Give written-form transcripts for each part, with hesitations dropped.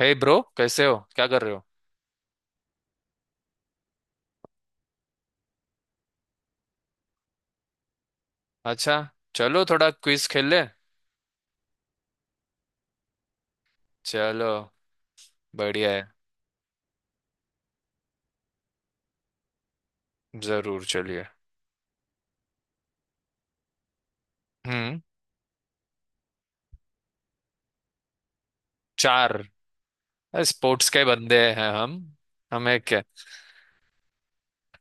हे bro, कैसे हो? क्या कर रहे हो? अच्छा। चलो, थोड़ा क्विज खेल ले। चलो। बढ़िया है। जरूर, चलिए। हम्म। चार। स्पोर्ट्स के बंदे हैं हम। हमें क्या।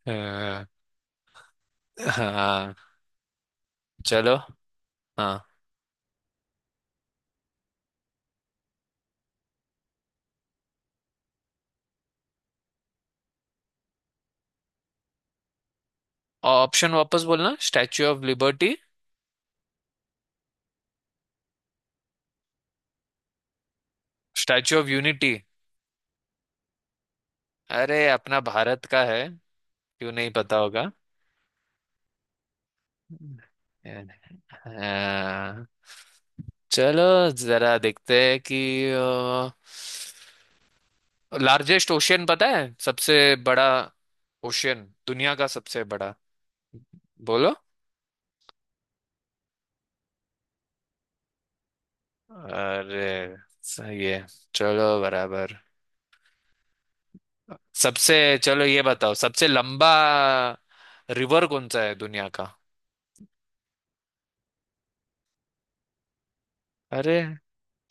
अ, हाँ। चलो। हाँ। और ऑप्शन वापस बोलना, statue of liberty, statue of unity. अरे, अपना भारत का है। क्यों नहीं पता होगा। अ, चलो। जरा देखते हैं कि लार्जेस्ट ओशियन पता है, सबसे बड़ा ओशियन, दुनिया का सबसे बड़ा। बोलो। अरे, सही है। चलो, बराबर। सबसे चलो, ये बताओ, सबसे लंबा रिवर कौन सा है दुनिया का? अरे,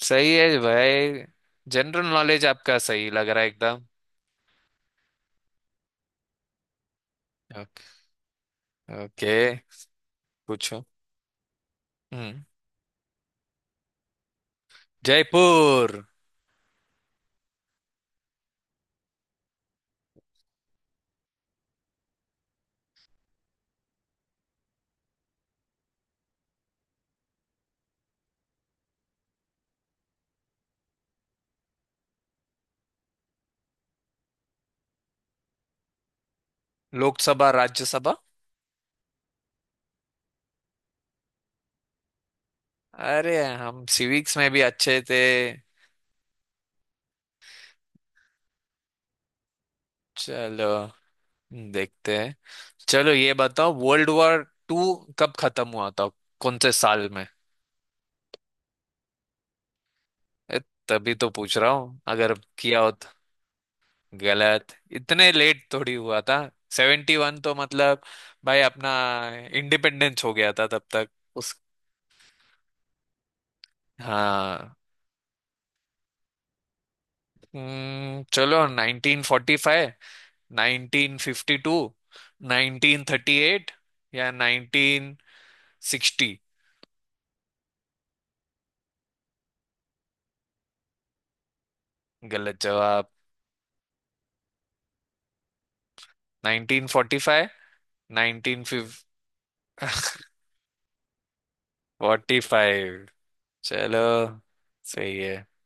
सही है भाई। जनरल नॉलेज आपका सही लग रहा है एकदम। Okay, okay. पूछो। हम्म। जयपुर। लोकसभा, राज्यसभा। अरे, हम सिविक्स में भी अच्छे थे। चलो, देखते हैं। चलो, ये बताओ, वर्ल्ड वॉर टू कब खत्म हुआ था, कौन से साल में? ए, तभी तो पूछ रहा हूँ, अगर किया हो तो। गलत। इतने लेट थोड़ी हुआ था। 71 तो मतलब। भाई, अपना इंडिपेंडेंस हो गया था तब तक। उस हाँ। चलो, 1945, 1952, 1938 या 1960। गलत जवाब। 1945, नाइनटीन फिफ्टी, 45। चलो। सही है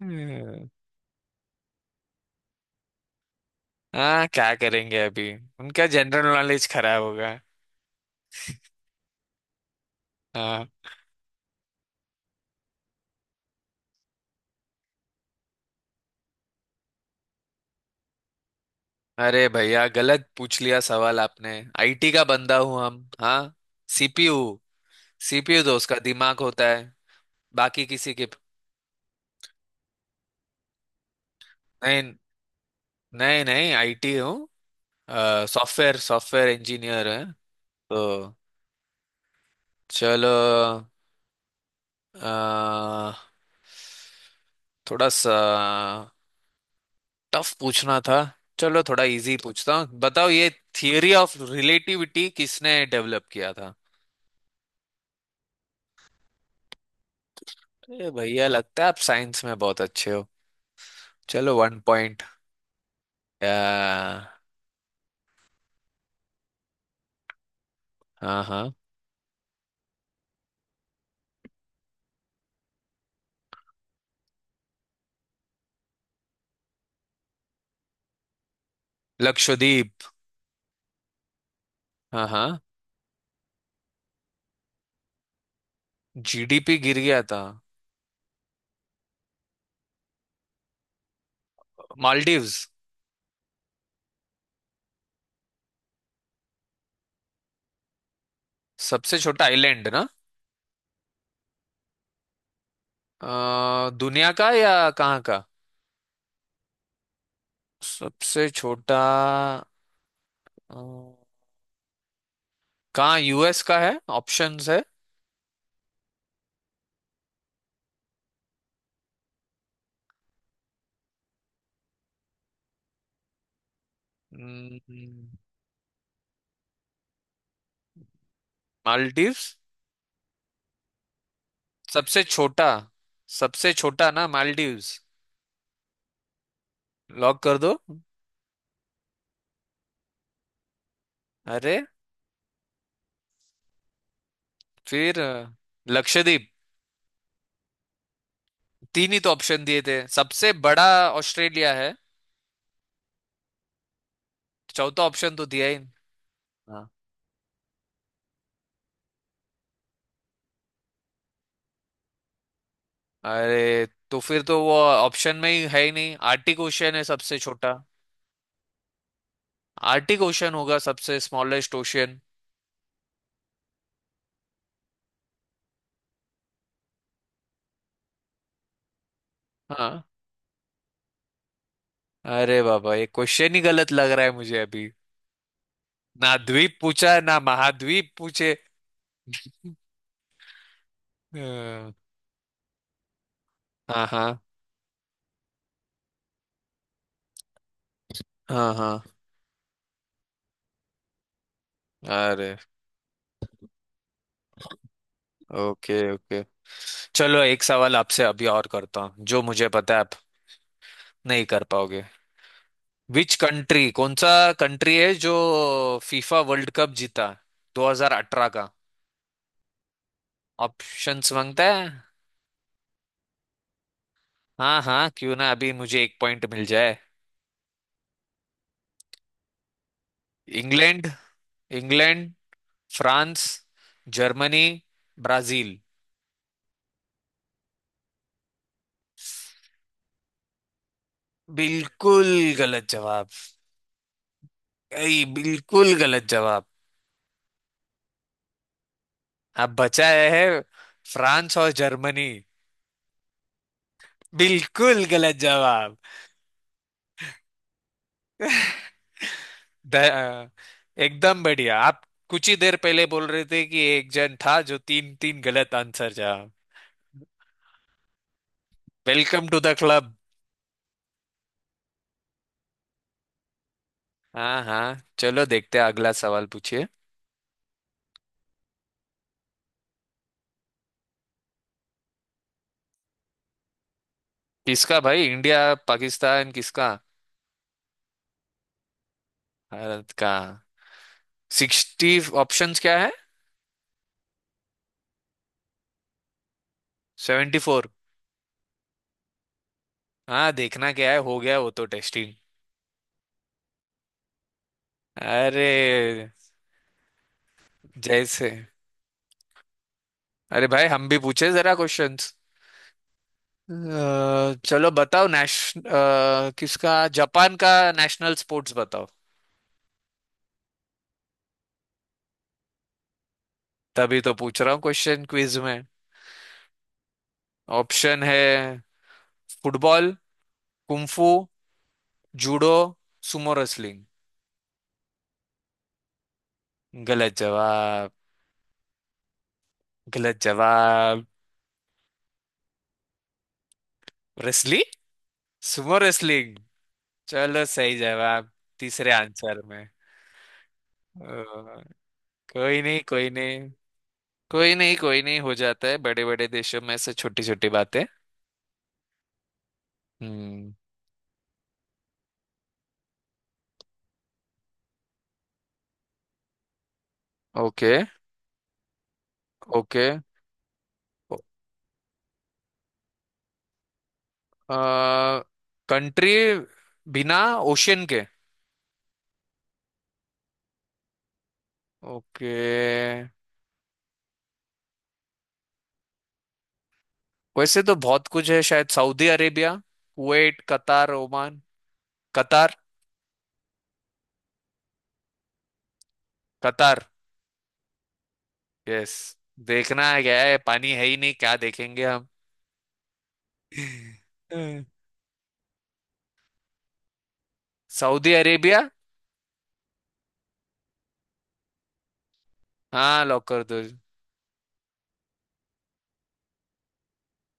हम्म, हाँ, क्या करेंगे अभी। उनका जनरल नॉलेज खराब होगा। हाँ। अरे भैया, गलत पूछ लिया सवाल आपने। आईटी का बंदा हूँ हम, हाँ। सीपीयू। सीपीयू तो उसका दिमाग होता है। बाकी किसी के। नहीं, नहीं नहीं, आईटी हूँ। सॉफ्टवेयर सॉफ्टवेयर इंजीनियर है। तो। चलो। अ, थोड़ा सा टफ पूछना था। चलो, थोड़ा इजी पूछता हूँ, बताओ ये। थियरी ऑफ रिलेटिविटी किसने डेवलप किया था? अरे भैया, लगता है आप साइंस में बहुत अच्छे हो। चलो, वन पॉइंट। हाँ। हाँ, लक्षद्वीप। हाँ हाँ। जीडीपी गिर गया था? मालदीव्स। सबसे छोटा आइलैंड ना? दुनिया का या कहाँ का? सबसे छोटा। अ, कहाँ, यूएस का है? ऑप्शंस है? हम्म, मालदीव्स। सबसे छोटा। सबसे छोटा ना, मालदीव्स। लॉक कर दो। अरे। फिर लक्षद्वीप। तीन ही तो ऑप्शन दिए थे, सबसे बड़ा ऑस्ट्रेलिया है। चौथा ऑप्शन तो दिया ही नहीं। हाँ। अरे, तो फिर तो वो ऑप्शन में ही है ही नहीं। आर्टिक ओशियन है सबसे छोटा। आर्टिक ओशियन होगा, सबसे स्मॉलेस्ट ओशियन। हाँ। अरे बाबा, ये क्वेश्चन ही गलत लग रहा है मुझे अभी। ना द्वीप पूछा है, ना महाद्वीप पूछे। अ, हाँ हाँ, हाँ हाँ। अरे। Okay, okay. चलो, एक सवाल आपसे अभी और करता हूँ, जो मुझे पता है आप नहीं कर पाओगे। विच कंट्री, कौन सा कंट्री है जो फीफा वर्ल्ड कप जीता 2018 का? ऑप्शंस मांगता है। हाँ हाँ, क्यों ना अभी मुझे एक पॉइंट मिल जाए। England. England, France, Germany, Brazil. बिल्कुल गलत जवाब। बिल्कुल गलत जवाब। अब बचा है फ्रांस और जर्मनी। बिल्कुल गलत जवाब। द- एकदम बढ़िया आप। कुछ ही देर पहले बोल रहे थे कि एक जन था जो तीन तीन गलत आंसर जा। Welcome to the club. हाँ हाँ, चलो देखते हैं। अगला सवाल पूछिए। किसका भाई? इंडिया? पाकिस्तान? किसका? भारत का। 60। ऑप्शंस क्या है? 74। हाँ, देखना क्या है, हो गया वो तो टेस्टिंग। अरे। जैसे। अरे भाई, हम भी पूछे जरा क्वेश्चन। चलो, बताओ, किसका? जापान का नेशनल स्पोर्ट्स बताओ। तभी तो पूछ रहा हूँ क्वेश्चन क्विज में। ऑप्शन है। Football, kung fu, judo, sumo wrestling. गलत जवाब। गलत जवाब। रेसली सुमो रेसलिंग। चलो, सही जवाब। तीसरे आंसर में। अ, कोई नहीं, कोई नहीं। कोई नहीं, कोई नहीं, हो जाता है, बड़े बड़े देशों में से छोटी छोटी बातें। हम्म। Okay, okay. कंट्री बिना ओशियन के? ओके। वैसे तो बहुत कुछ है, शायद Saudi Arabia, Kuwait, Qatar, Oman. Qatar. Qatar. Yes. देखना है क्या है, पानी है ही नहीं, क्या देखेंगे हम। हम्म। Saudi Arabia. हाँ, लॉक कर दो।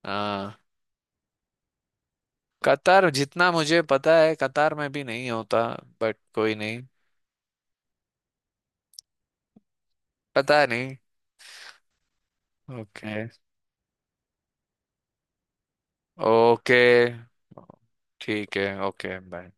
हाँ। कतार, जितना मुझे पता है कतार में भी नहीं होता। बट कोई नहीं। पता नहीं। ओके। ओके। ठीक है, ओके, बाय।